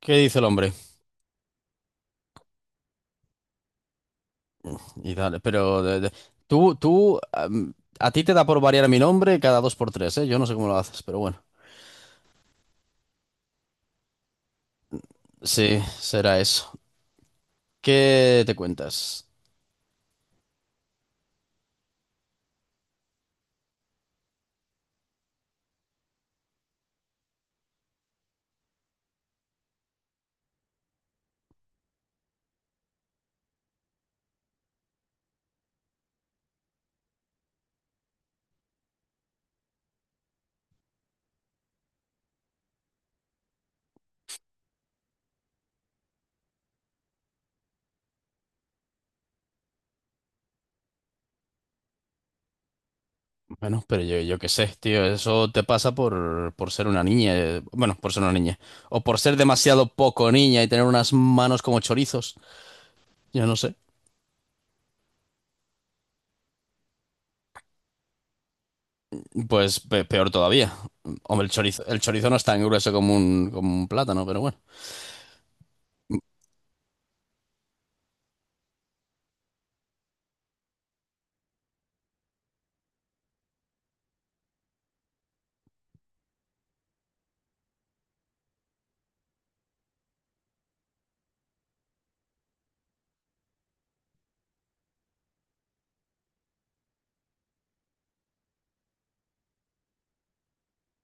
¿Qué dice el hombre? Y dale, pero tú, tú, am, a ti te da por variar mi nombre cada dos por tres, ¿eh? Yo no sé cómo lo haces, pero bueno. Sí, será eso. ¿Qué te cuentas? Bueno, pero yo qué sé, tío, eso te pasa por ser una niña, bueno, por ser una niña, o por ser demasiado poco niña y tener unas manos como chorizos, yo no sé, pues peor todavía. Hombre, el chorizo no es tan grueso como un plátano, pero bueno.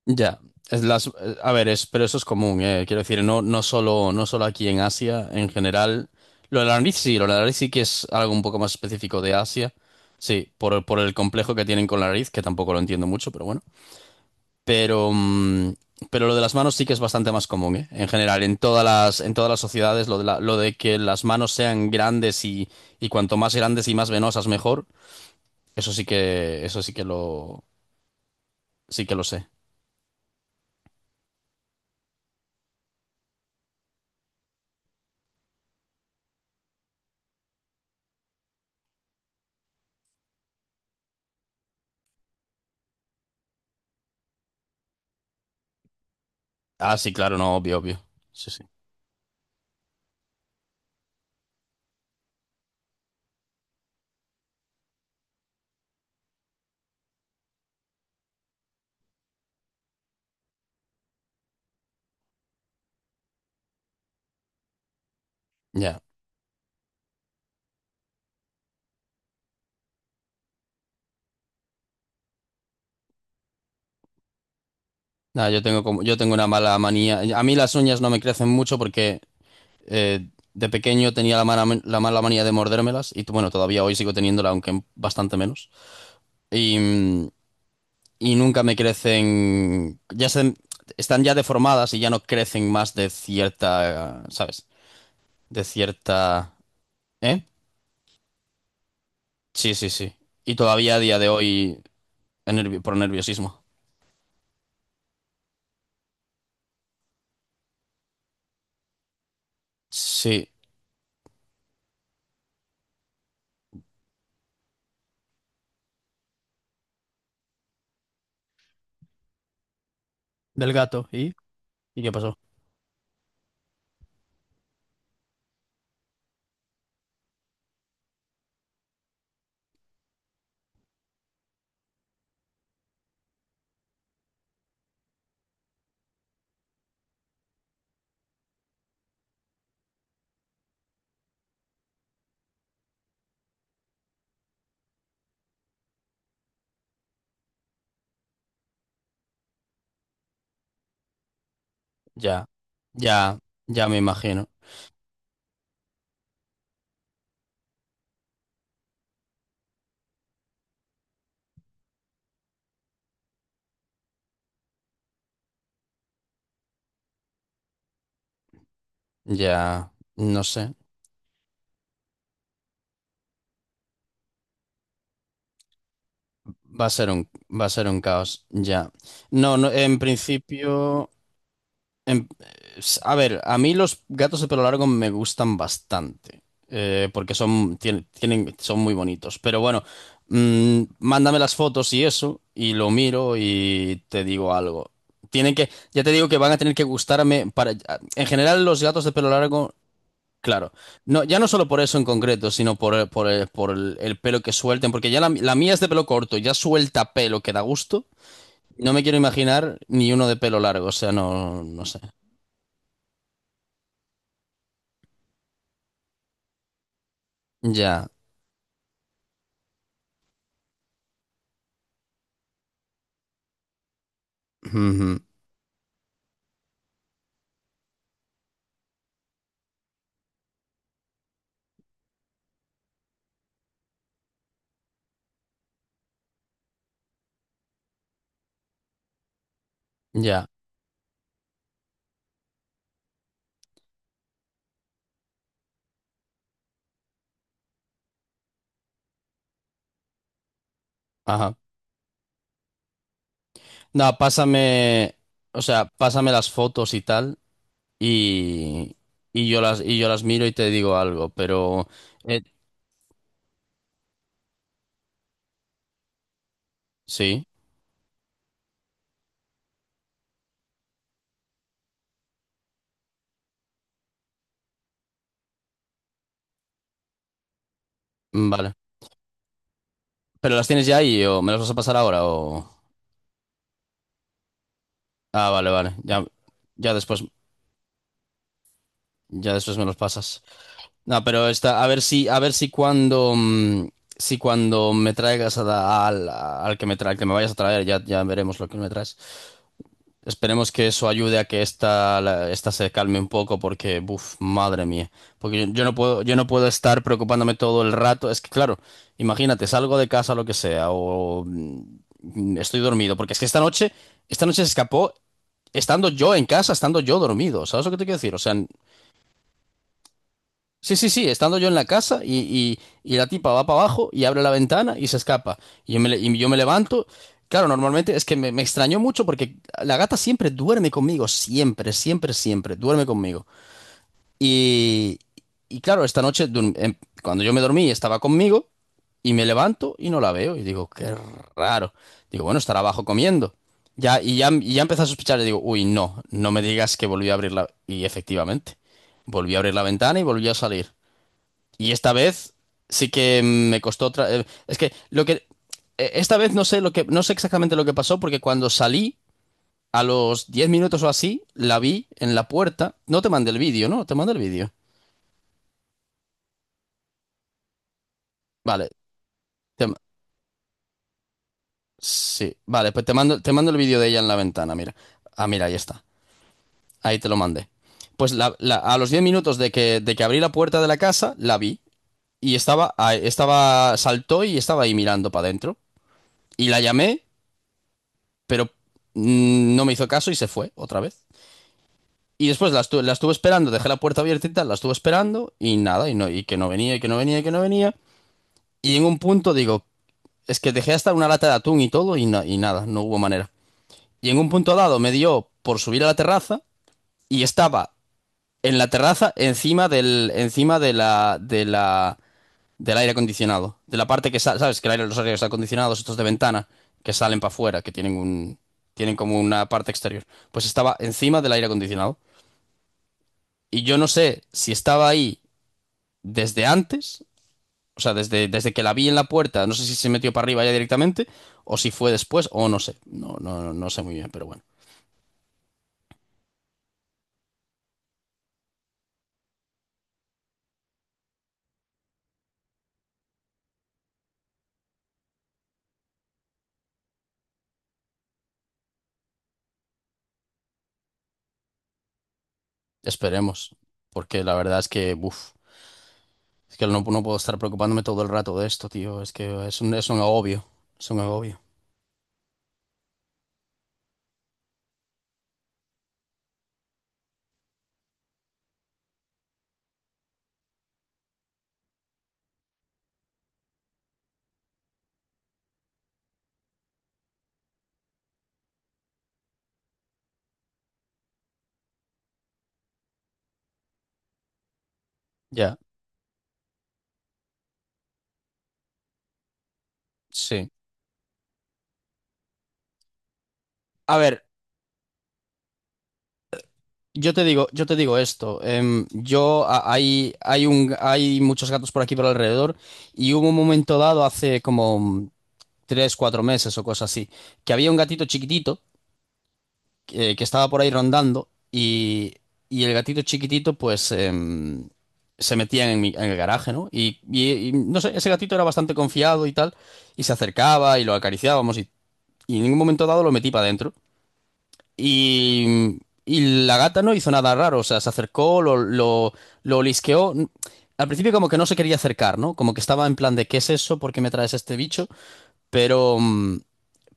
Ya, a ver, pero eso es común, quiero decir, no, no solo aquí en Asia, en general. Lo de la nariz sí, lo de la nariz sí que es algo un poco más específico de Asia. Sí, por el complejo que tienen con la nariz, que tampoco lo entiendo mucho, pero bueno. Pero, mm, pero lo de las manos sí que es bastante más común, ¿eh? En general, en todas las sociedades, lo de lo de que las manos sean grandes y cuanto más grandes y más venosas, mejor. Eso sí que lo sé. Ah, sí, claro, no, obvio, obvio. Sí, sí. Ya. Nah, yo tengo una mala manía. A mí las uñas no me crecen mucho porque de pequeño tenía la mala manía de mordérmelas y bueno, todavía hoy sigo teniéndola, aunque bastante menos. Y, mm, y nunca me crecen, están ya deformadas y ya no crecen más de cierta, ¿sabes? De cierta... ¿Eh? Sí, sí, sí. Y todavía a día de hoy por nerviosismo. Sí. Del gato. ¿Y? ¿Y qué pasó? Ya, ya, ya me imagino. Ya, no sé. Va a ser un, va a ser un caos, ya. No, no, en principio, en- a ver, a mí los gatos de pelo largo me gustan bastante, porque son muy bonitos. Pero bueno, mándame las fotos y eso, y lo miro y te digo algo. Ya te digo que van a tener que gustarme para, en general los gatos de pelo largo. Claro. No, ya no solo por eso en concreto, sino por el pelo que suelten, porque ya la mía es de pelo corto, ya suelta pelo que da gusto. No me quiero imaginar ni uno de pelo largo, o sea, no, no sé. Ya. Ujú. Ya. Ajá. No, pásame, o sea, pásame las fotos y tal, y, y y yo las miro y te digo algo, pero eh, sí, vale. ¿Pero las tienes ya ahí o me las vas a pasar ahora o...? Ah, vale, vale. Ya, ya después, ya después me los pasas. No, pero a ver si, si cuando me traigas a da- al, al que me tra- al que me vayas a traer, ya, ya veremos lo que me traes. Esperemos que eso ayude a que esta se calme un poco, porque, buf, madre mía. Porque yo no puedo estar preocupándome todo el rato. Es que, claro, imagínate, salgo de casa, lo que sea, o estoy dormido. Porque es que esta noche se escapó estando yo en casa, estando yo dormido. ¿Sabes lo que te quiero decir? O sea, sí, sí, sí, estando yo en la casa y la tipa va para abajo y abre la ventana y se escapa. Y yo me levanto. Claro, normalmente es que me extrañó mucho porque la gata siempre duerme conmigo, siempre, siempre, siempre, duerme conmigo. Y, y, claro, esta noche cuando yo me dormí estaba conmigo y me levanto y no la veo. Y digo, qué raro. Digo, bueno, estará abajo comiendo. Ya, y ya empecé a sospechar y digo, uy, no, no me digas que volvió a abrirla. Y efectivamente, volví a abrir la ventana y volvió a salir. Y esta vez sí que me costó otra. Es que lo que. Esta vez no sé lo que. No sé exactamente lo que pasó, porque cuando salí, a los 10 minutos o así, la vi en la puerta. No te mandé el vídeo, ¿no? Te mando el vídeo. Vale. te ma- Sí, vale, pues te mando el vídeo de ella en la ventana, mira. Ah, mira, ahí está. Ahí te lo mandé. Pues a los 10 minutos de que abrí la puerta de la casa, la vi. Y ah, saltó y estaba ahí mirando para adentro. Y la llamé pero no me hizo caso y se fue otra vez. Y después la estuve esperando, dejé la puerta abierta y tal, la estuve esperando y nada, y, no, y que no venía, y que no venía, y que no venía. Y en un punto digo, es que dejé hasta una lata de atún y todo y nada, no hubo manera. Y en un punto dado me dio por subir a la terraza y estaba en la terraza encima del, encima de la, del aire acondicionado. De la parte que sale, ¿sabes? Que los aires acondicionados, estos de ventana, que salen para afuera, que tienen como una parte exterior. Pues estaba encima del aire acondicionado. Y yo no sé si estaba ahí desde antes, o sea, desde que la vi en la puerta, no sé si se metió para arriba ya directamente, o si fue después, o no sé. No, no, no sé muy bien, pero bueno. Esperemos. Porque la verdad es que, uff, es que no, no puedo estar preocupándome todo el rato de esto, tío. Es que es un agobio. Es un agobio. Ya, sí. A ver, yo te digo esto. Em, yo a- hay un, hay muchos gatos por aquí por alrededor y hubo un momento dado hace como 3 o 4 meses o cosas así, que había un gatito chiquitito que, estaba por ahí rondando y el gatito chiquitito pues se metía en en el garaje, ¿no? Y, no sé, ese gatito era bastante confiado y tal y se acercaba y lo acariciábamos y en un momento dado lo metí para adentro. Y, y, la gata no hizo nada raro, o sea, se acercó, lo olisqueó. Al principio como que no se quería acercar, ¿no? Como que estaba en plan de ¿qué es eso? ¿Por qué me traes este bicho? Pero, mm,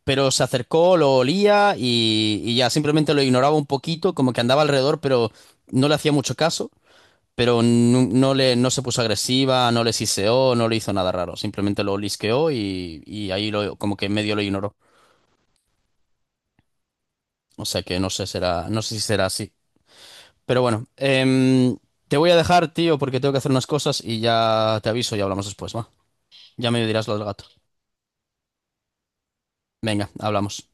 pero se acercó, lo olía y ya simplemente lo ignoraba un poquito, como que andaba alrededor, pero no le hacía mucho caso. Pero no, no se puso agresiva, no le siseó, no le hizo nada raro. Simplemente lo olisqueó y ahí como que medio lo ignoró. O sea que no sé si será así. Pero bueno, te voy a dejar, tío, porque tengo que hacer unas cosas y ya te aviso y hablamos después, ¿va? Ya me dirás lo del gato. Venga, hablamos.